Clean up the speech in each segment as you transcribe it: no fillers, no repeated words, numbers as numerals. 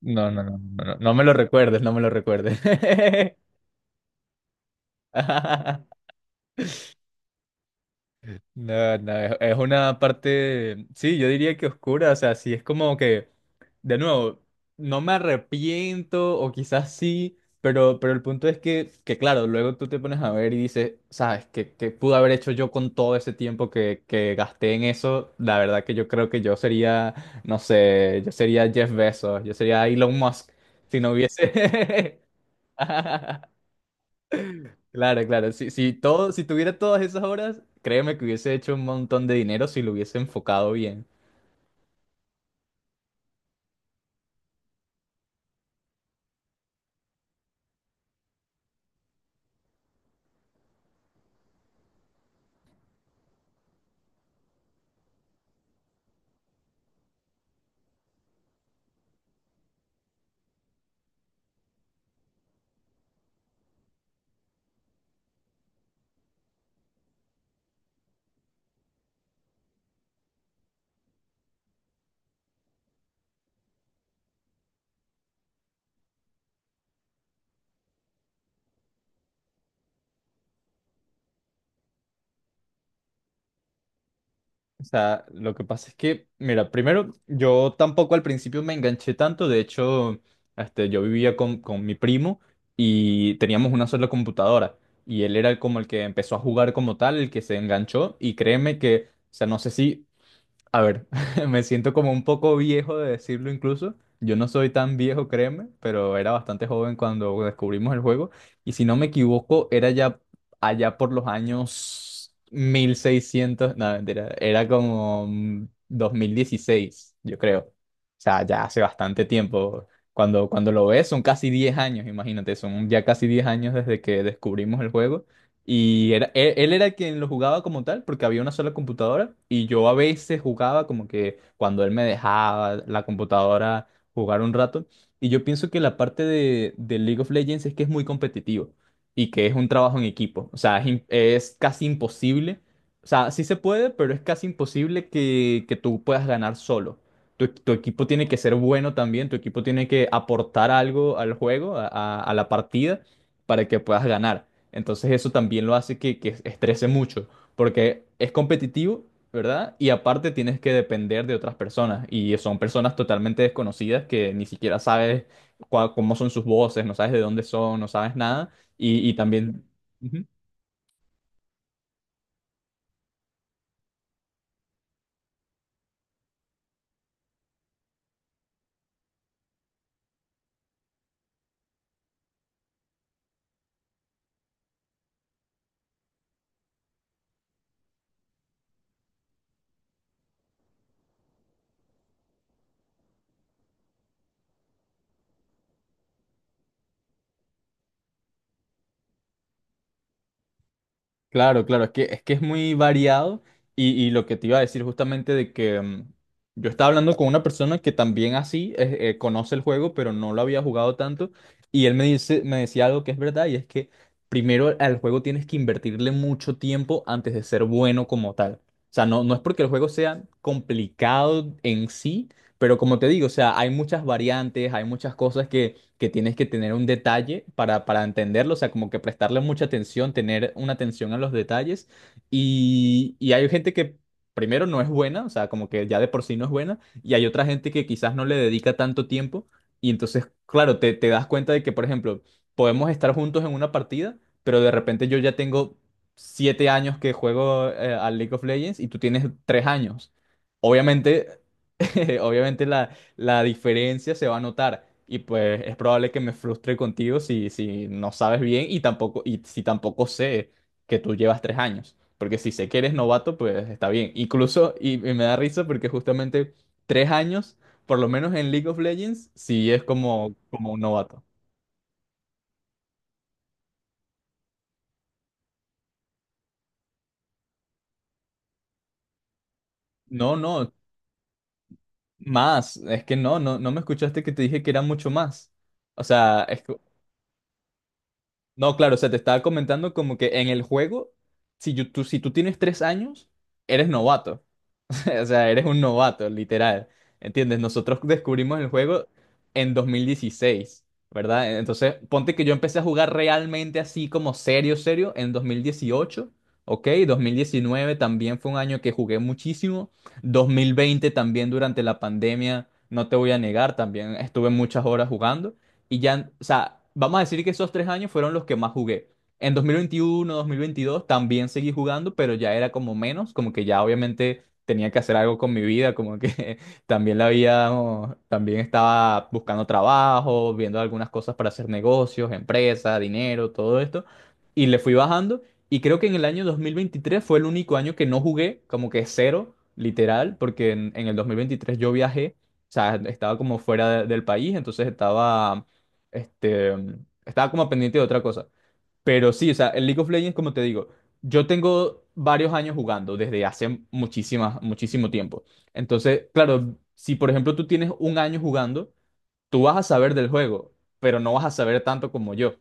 No, no, me lo recuerdes, no me lo recuerdes. No, no, es una parte, sí, yo diría que oscura, o sea, sí, es como que, de nuevo, no me arrepiento o quizás sí, pero el punto es claro, luego tú te pones a ver y dices, sabes, que pude haber hecho yo con todo ese tiempo que gasté en eso, la verdad que yo creo que yo sería, no sé, yo sería Jeff Bezos, yo sería Elon Musk, si no hubiese... Claro, claro. Si tuviera todas esas horas, créeme que hubiese hecho un montón de dinero si lo hubiese enfocado bien. O sea, lo que pasa es que, mira, primero, yo tampoco al principio me enganché tanto. De hecho, este, yo vivía con mi primo y teníamos una sola computadora. Y él era como el que empezó a jugar como tal, el que se enganchó. Y créeme que, o sea, no sé si a ver, me siento como un poco viejo de decirlo incluso. Yo no soy tan viejo, créeme, pero era bastante joven cuando descubrimos el juego. Y si no me equivoco, era ya allá por los años 1600, no, mentira, era como 2016, yo creo. O sea, ya hace bastante tiempo. Cuando lo ves, son casi 10 años, imagínate, son ya casi 10 años desde que descubrimos el juego. Y era, él era quien lo jugaba como tal, porque había una sola computadora. Y yo a veces jugaba como que cuando él me dejaba la computadora jugar un rato. Y yo pienso que la parte de League of Legends es que es muy competitivo y que es un trabajo en equipo. O sea, es, es casi imposible. O sea, sí se puede, pero es casi imposible que tú puedas ganar solo. Tu equipo tiene que ser bueno también, tu equipo tiene que aportar algo al juego, a la partida, para que puedas ganar. Entonces eso también lo hace que estrese mucho, porque es competitivo, ¿verdad? Y aparte tienes que depender de otras personas, y son personas totalmente desconocidas que ni siquiera sabes cómo son sus voces, no sabes de dónde son, no sabes nada, y también... Claro, claro, es que es que es muy variado y lo que te iba a decir justamente de que yo estaba hablando con una persona que también así conoce el juego, pero no lo había jugado tanto y él me dice, me decía algo que es verdad y es que primero al juego tienes que invertirle mucho tiempo antes de ser bueno como tal. O sea, no, no es porque el juego sea complicado en sí, pero como te digo, o sea, hay muchas variantes, hay muchas cosas que tienes que tener un detalle para entenderlo, o sea, como que prestarle mucha atención, tener una atención a los detalles. Y hay gente que primero no es buena, o sea, como que ya de por sí no es buena, y hay otra gente que quizás no le dedica tanto tiempo. Y entonces, claro, te das cuenta de que, por ejemplo, podemos estar juntos en una partida, pero de repente yo ya tengo 7 años que juego al League of Legends y tú tienes 3 años. Obviamente, obviamente la diferencia se va a notar. Y pues es probable que me frustre contigo si no sabes bien y tampoco, y si tampoco sé que tú llevas 3 años. Porque si sé que eres novato, pues está bien. Incluso, y me da risa porque justamente 3 años, por lo menos en League of Legends, sí es como, como un novato. No, no, más. Es que no, no, no me escuchaste que te dije que era mucho más. O sea, es... No, claro, o sea, te estaba comentando como que en el juego, si tú tienes 3 años, eres novato. O sea, eres un novato, literal. ¿Entiendes? Nosotros descubrimos el juego en 2016, ¿verdad? Entonces, ponte que yo empecé a jugar realmente así como serio, serio, en 2018, ¿ok? 2019 también fue un año que jugué muchísimo. 2020 también durante la pandemia, no te voy a negar, también estuve muchas horas jugando. Y ya, o sea, vamos a decir que esos 3 años fueron los que más jugué. En 2021, 2022 también seguí jugando, pero ya era como menos, como que ya obviamente tenía que hacer algo con mi vida, como que también la había, también estaba buscando trabajo, viendo algunas cosas para hacer negocios, empresa, dinero, todo esto, y le fui bajando, y creo que en el año 2023 fue el único año que no jugué, como que cero, literal, porque en el 2023 yo viajé, o sea, estaba como fuera del país, entonces estaba, este, estaba como pendiente de otra cosa. Pero sí, o sea, el League of Legends, como te digo, yo tengo varios años jugando desde hace muchísimas, muchísimo tiempo. Entonces, claro, si por ejemplo tú tienes un año jugando, tú vas a saber del juego, pero no vas a saber tanto como yo.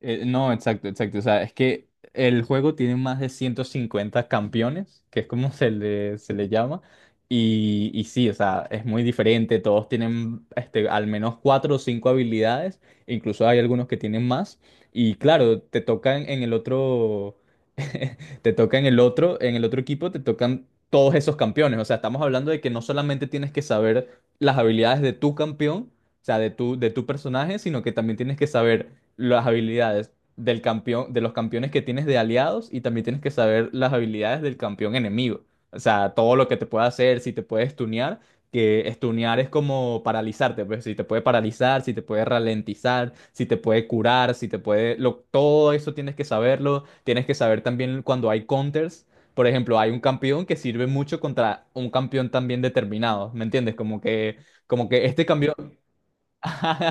No, exacto, exacto. O sea, es que el juego tiene más de 150 campeones, que es como se le llama. Y sí, o sea, es muy diferente. Todos tienen este, al menos cuatro o cinco habilidades. Incluso hay algunos que tienen más. Y claro, te tocan en el otro. Te toca en el otro equipo, te tocan todos esos campeones. O sea, estamos hablando de que no solamente tienes que saber las habilidades de tu campeón, o sea, de tu personaje, sino que también tienes que saber las habilidades del campeón, de los campeones que tienes de aliados y también tienes que saber las habilidades del campeón enemigo. O sea, todo lo que te puede hacer, si te puede stunear, que stunear es como paralizarte, pues si te puede paralizar, si te puede ralentizar, si te puede curar, si te puede... todo eso tienes que saberlo. Tienes que saber también cuando hay counters. Por ejemplo, hay un campeón que sirve mucho contra un campeón también determinado, ¿me entiendes? Como que este campeón...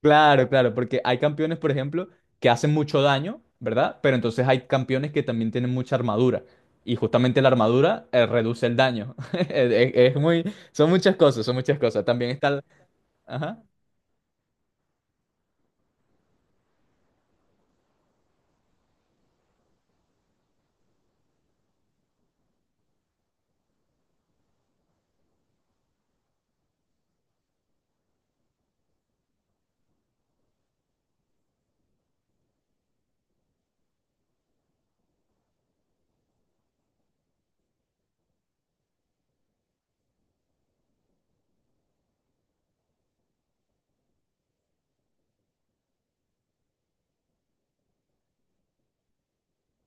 Claro, claro, porque hay campeones, por ejemplo, que hacen mucho daño, ¿verdad? Pero entonces hay campeones que también tienen mucha armadura. Y justamente la armadura reduce el daño. Es muy, son muchas cosas, son muchas cosas. También está el... Ajá.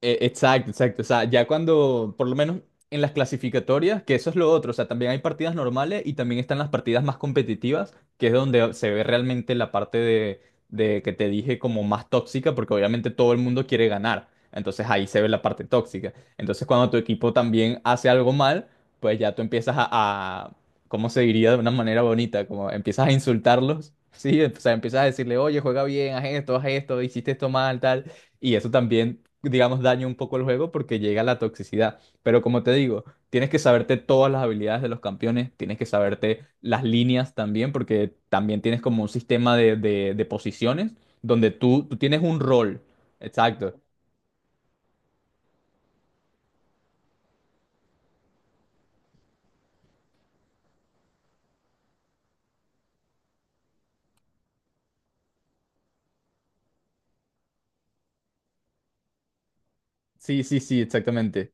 Exacto, exacto. O sea, ya cuando, por lo menos en las clasificatorias, que eso es lo otro, o sea, también hay partidas normales y también están las partidas más competitivas, que es donde se ve realmente la parte de que te dije como más tóxica, porque obviamente todo el mundo quiere ganar. Entonces ahí se ve la parte tóxica. Entonces cuando tu equipo también hace algo mal, pues ya tú empiezas a- ¿cómo se diría de una manera bonita? Como empiezas a insultarlos, ¿sí? O sea, empiezas a decirle, oye, juega bien, haz esto, hiciste esto mal, tal. Y eso también, digamos, daña un poco el juego porque llega la toxicidad. Pero como te digo, tienes que saberte todas las habilidades de los campeones, tienes que saberte las líneas también, porque también tienes como un sistema de, de posiciones donde tú tienes un rol. Exacto. Sí, sí, sí, exactamente.